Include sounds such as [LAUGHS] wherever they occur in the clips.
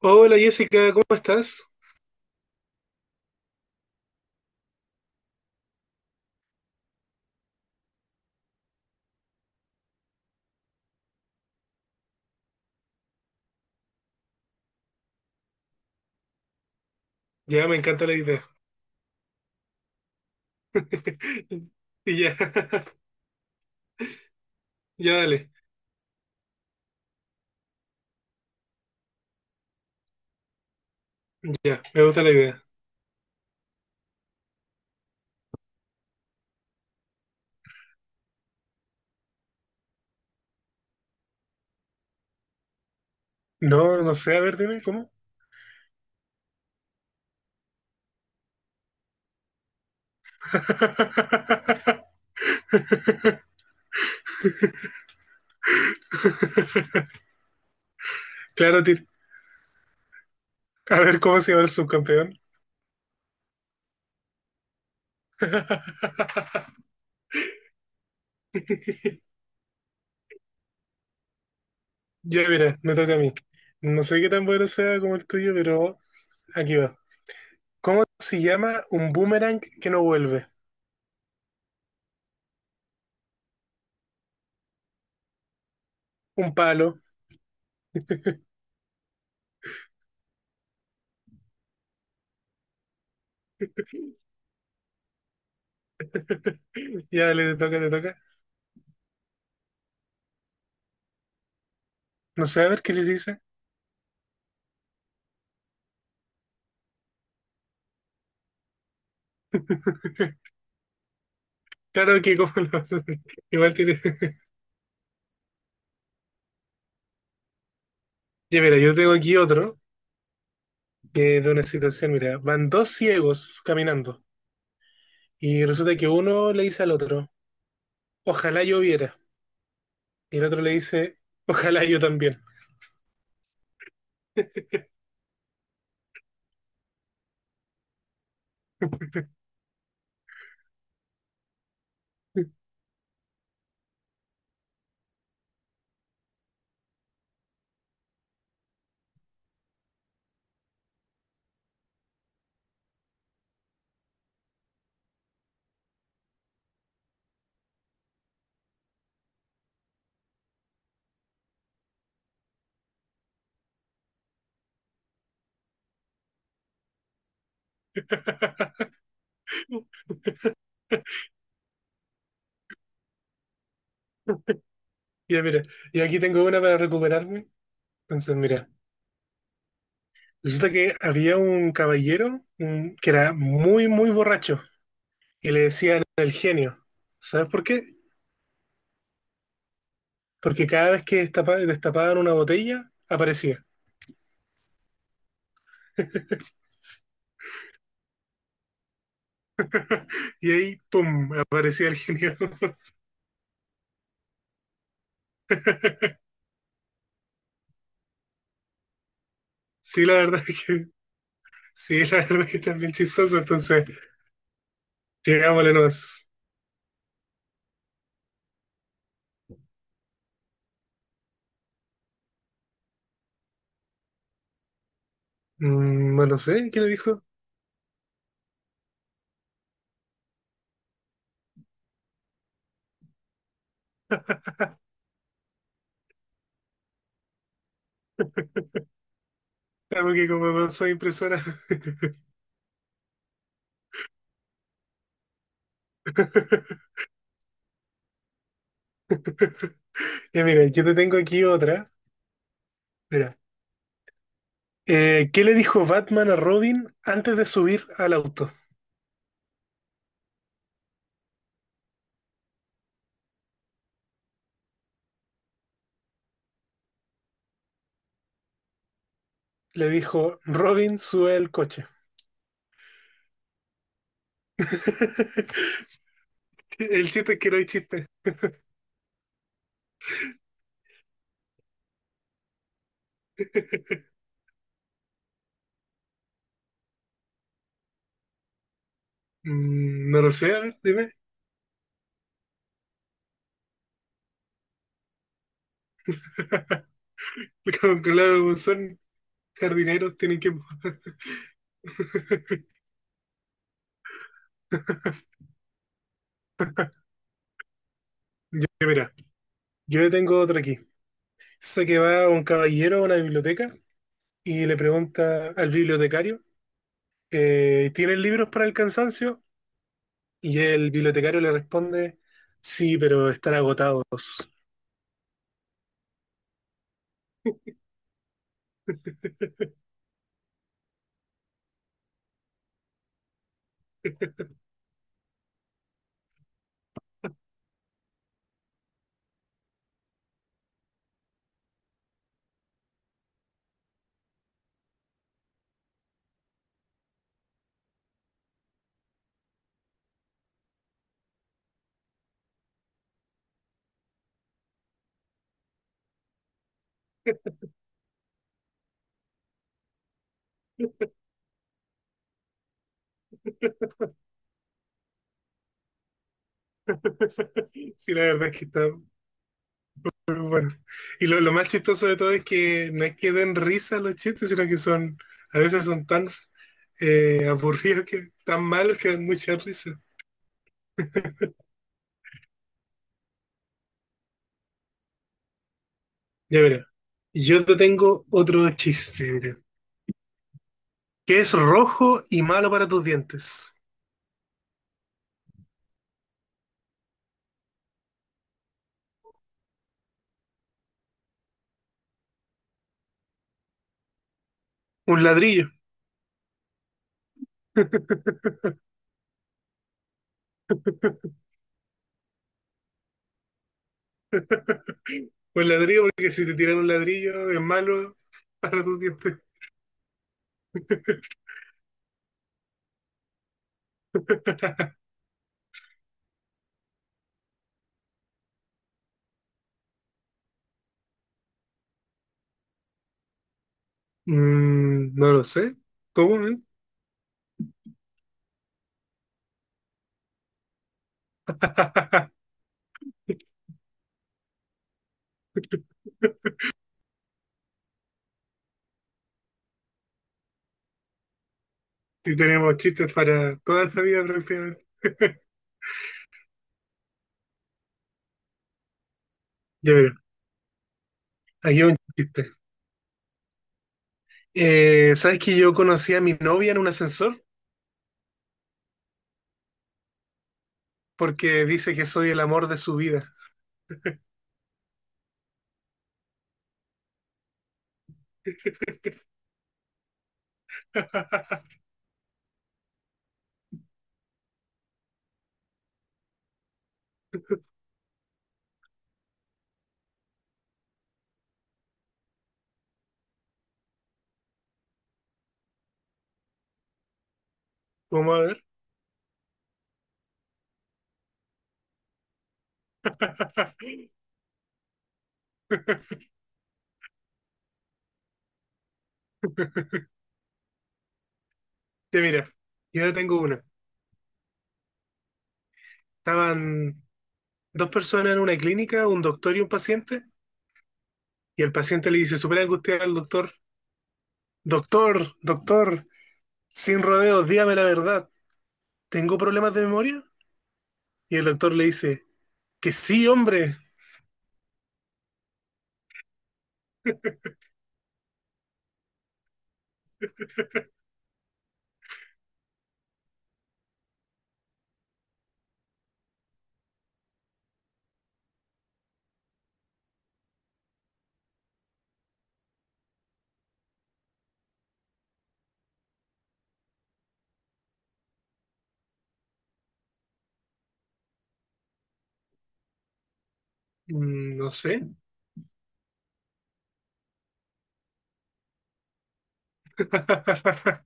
Hola Jessica, ¿cómo estás? Ya me encanta la idea. [LAUGHS] Y ya, [LAUGHS] ya dale, ya, me gusta la idea. No, no sé, a ver, dime, ¿cómo? [LAUGHS] Claro, Tir. A ver, ¿cómo se llama el subcampeón? [LAUGHS] Ya, mira, me toca a mí. No sé qué tan bueno sea como el tuyo, pero aquí va. ¿Cómo se llama un boomerang que no vuelve? Un palo. Ya, dale, te toca, te toca. No sé, a ver qué les dice. Claro que, como lo [LAUGHS] igual tiene. Ya, mira, yo tengo aquí otro que de una situación, mira, van dos ciegos caminando y resulta que uno le dice al otro, ojalá yo viera, y el otro le dice, ojalá yo también. [LAUGHS] Ya, mira, y aquí tengo una para recuperarme. Entonces, mira, resulta que había un caballero que era muy, muy borracho y le decían el genio. ¿Sabes por qué? Porque cada vez que destapaban una botella, aparecía. Y ahí, ¡pum!, aparecía el genio. [LAUGHS] Sí, la verdad es que sí, [LAUGHS] la verdad es que está bien chistoso, entonces llegámosle nomás. Mm, bueno, no lo sé, ¿quién lo dijo? Ah, porque como no soy impresora. [LAUGHS] Ya mira, yo te tengo aquí otra. Mira, ¿qué le dijo Batman a Robin antes de subir al auto? Le dijo, Robin, sube el coche. [LAUGHS] El chiste es que no hay chiste. Mm, no lo sé, a ver, dime. [LAUGHS] Como- claro, son jardineros, tienen que... [LAUGHS] Ya, mira, yo tengo otra aquí. Sé que va un caballero a una biblioteca y le pregunta al bibliotecario, ¿tienen libros para el cansancio? Y el bibliotecario le responde, sí, pero están agotados. [LAUGHS] Sí, la verdad es que está muy bueno. Y lo más chistoso de todo es que no es que den risa los chistes, sino que son, a veces son tan aburridos que tan malos que dan mucha risa. Ya verá. Yo te tengo otro chiste, mira, que es rojo y malo para tus dientes. Un ladrillo. [LAUGHS] O el ladrillo, porque si te tiran un ladrillo es malo para tus dientes. [LAUGHS] Mm, no lo sé. ¿Cómo? ¿Eh? [LAUGHS] Y tenemos chistes para toda la vida prácticamente. [LAUGHS] Ya verás, aquí hay un chiste. ¿Sabes que yo conocí a mi novia en un ascensor? Porque dice que soy el amor de su vida. [LAUGHS] Vamos a ver. [LAUGHS] Ya mira, yo tengo una. Estaban dos personas en una clínica, un doctor y un paciente. Y el paciente le dice, súper angustiado al doctor, doctor, doctor, sin rodeos, dígame la verdad, ¿tengo problemas de memoria? Y el doctor le dice, que sí, hombre. Mm, no sé. [LAUGHS]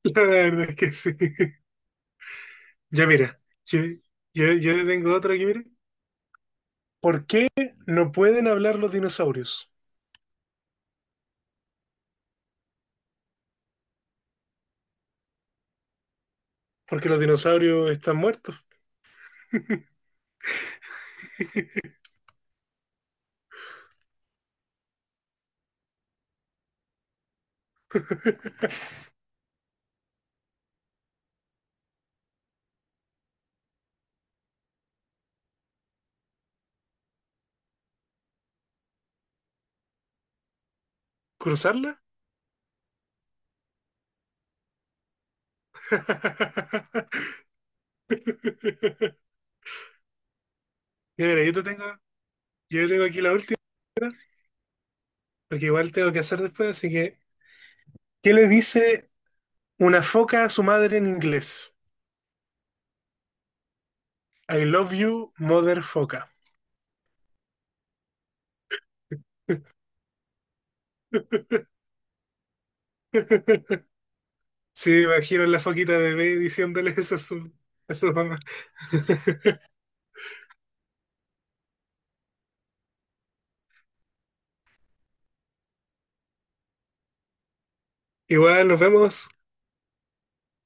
La verdad es que sí. Ya mira, yo te tengo otro aquí, mira. ¿Por qué no pueden hablar los dinosaurios? Porque los dinosaurios están muertos. ¿Cruzarla? [LAUGHS] Ya mira, yo te tengo, yo tengo aquí la última, porque igual tengo que hacer después, así que ¿qué le dice una foca a su madre en inglés? I love you, mother foca. [LAUGHS] Sí, me imagino la foquita bebé diciéndole eso a su mamá. [LAUGHS] Igual nos vemos.